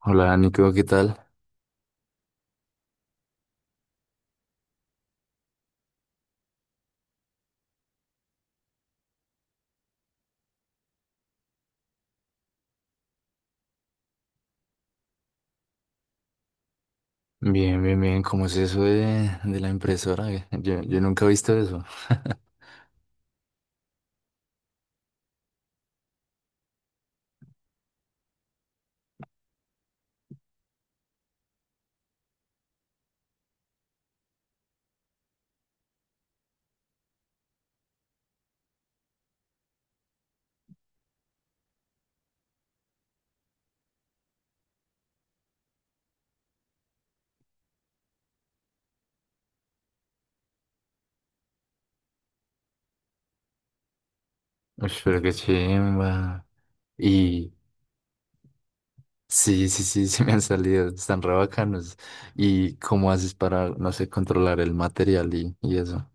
Hola Nico, ¿qué tal? Bien, bien, bien. ¿Cómo es eso de la impresora? Yo nunca he visto eso. Uy, pero qué chimba. Y sí, sí, sí, sí me han salido. Están re bacanos. ¿Y cómo haces para, no sé, controlar el material y eso?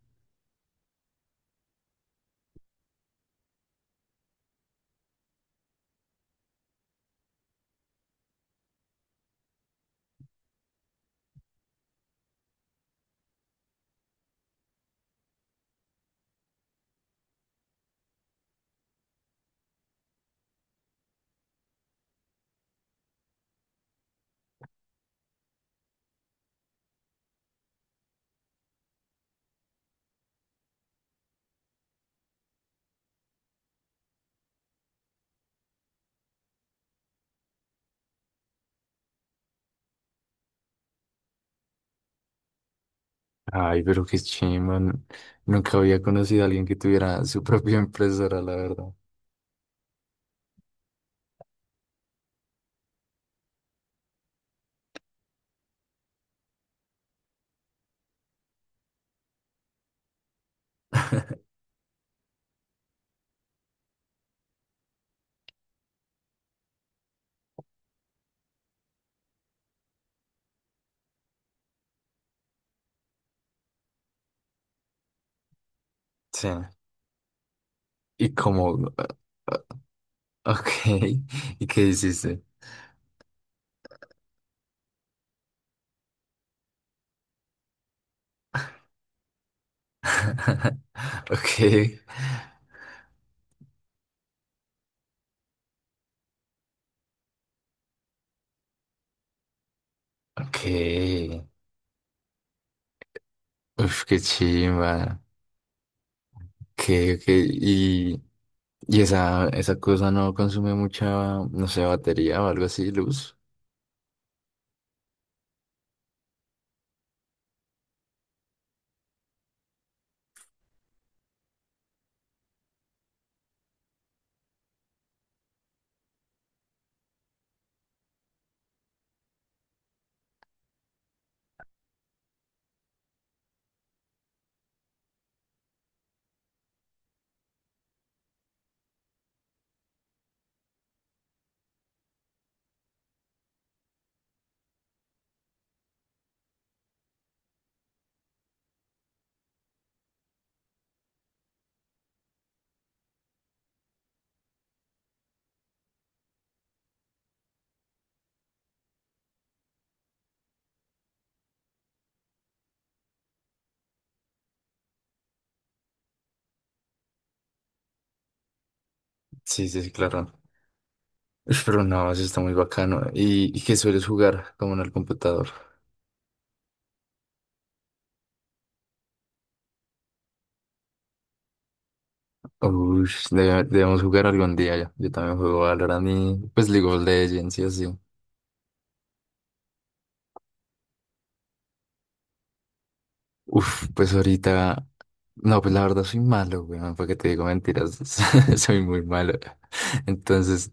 Ay, pero qué chimba. Nunca había conocido a alguien que tuviera su propia impresora, la verdad. Sí. ¿Y cómo? Ah, ah, ok. ¿Y qué hiciste? Ok. Ok. Uf, qué chimba. Que, que, y, y esa, esa cosa no consume mucha, no sé, batería o algo así, luz. Sí, sí, sí, claro. Uf, pero no, eso está muy bacano. Y qué sueles jugar como en el computador? Uy, debemos jugar algún día ya. Yo también juego Valorant y pues League of Legends y así. Uf, pues ahorita. No, pues la verdad soy malo, weón, para que te digo mentiras. Soy muy malo. Entonces,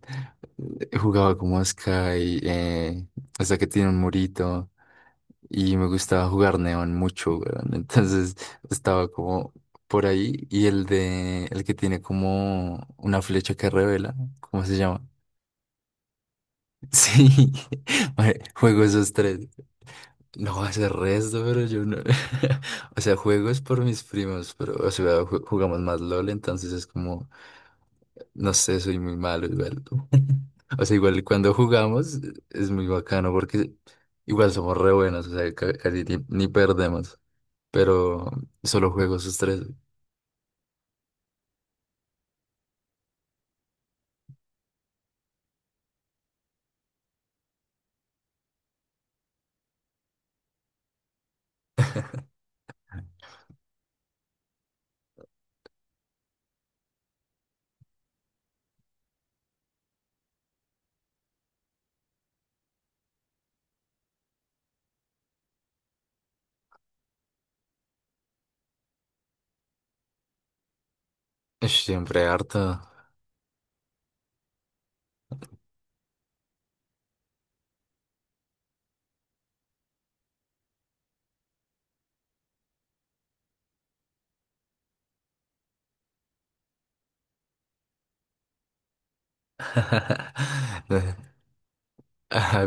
jugaba como Sky, hasta que tiene un murito. Y me gustaba jugar Neon mucho, weón. Entonces, estaba como por ahí. Y el de. El que tiene como una flecha que revela. ¿Cómo se llama? Sí, juego esos tres. No, hace resto, pero yo no. O sea, juego es por mis primos, pero, o sea, jugamos más LOL, entonces es como, no sé, soy muy malo igual. O sea, igual cuando jugamos es muy bacano porque igual somos re buenos, o sea, casi ni perdemos, pero solo juego esos tres. Ush, siempre harto. No, ay,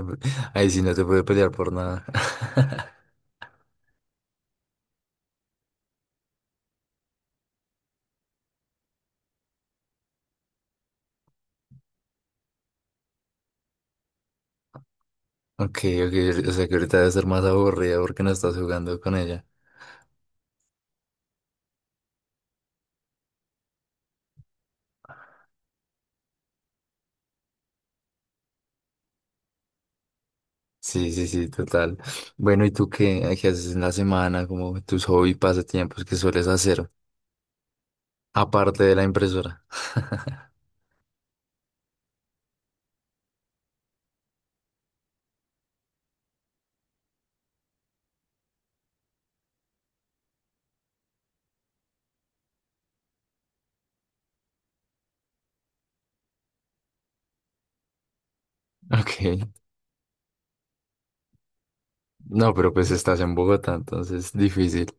ahí sí no te puede pelear por nada. Ok, ok, o sea que ahorita debe ser más aburrida porque no estás jugando con ella. Sí, sí, sí, total. Bueno, ¿y tú qué, qué haces en la semana? Como tus hobbies, pasatiempos que sueles hacer, aparte de la impresora. Ok. No, pero pues estás en Bogotá, entonces difícil.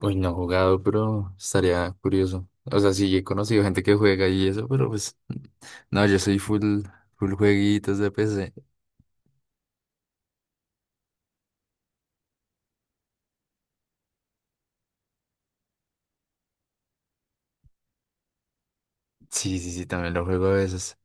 Uy, no he jugado, pero estaría curioso. O sea, sí, he conocido gente que juega y eso, pero pues no, yo soy full, full jueguitos de PC. Sí, sí, sí, también lo juego a veces.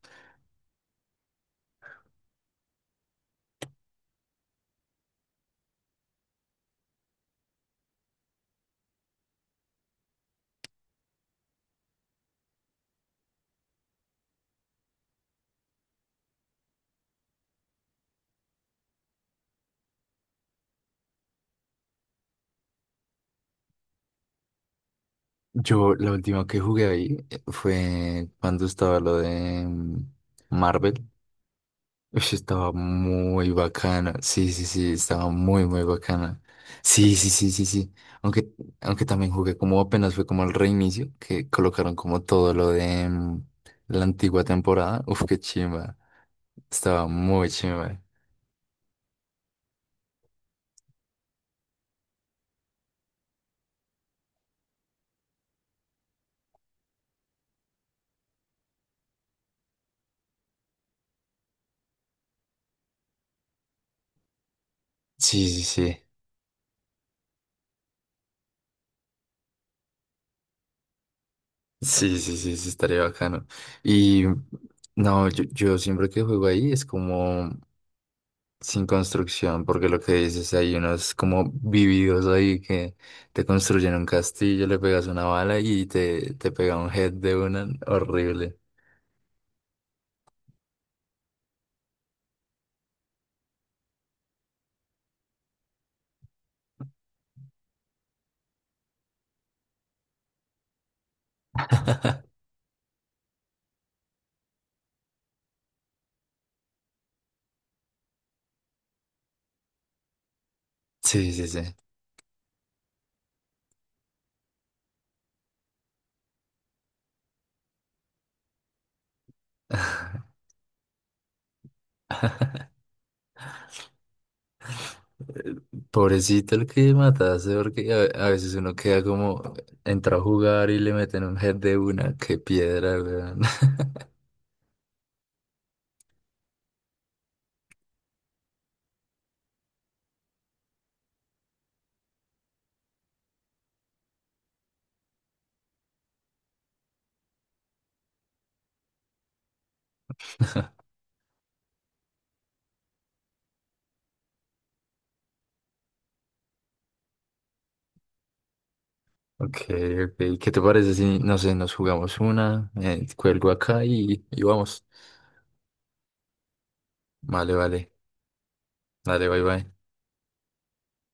Yo, la última que jugué ahí fue cuando estaba lo de Marvel. Uy, estaba muy bacana. Sí, sí, sí, estaba muy, muy bacana. Sí, sí, sí, sí, sí. Aunque, aunque también jugué como apenas fue como el reinicio, que colocaron como todo lo de la antigua temporada. Uf, qué chimba. Estaba muy chimba. Sí, sí, sí. Sí, sí, sí, sí, estaría bacano. Y no, yo siempre que juego ahí es como. Sin construcción, porque lo que dices, hay unos como vividos ahí que te construyen un castillo, le pegas una bala y te pega un head de una horrible. Sí, sí, sí. Pobrecito el que mataste, porque a veces uno queda como, entra a jugar y le meten un head de una, qué piedra, weón. Ok, ok. ¿Qué te parece si, no sé, nos jugamos una, cuelgo acá y vamos? Vale, vale. Dale, bye, bye.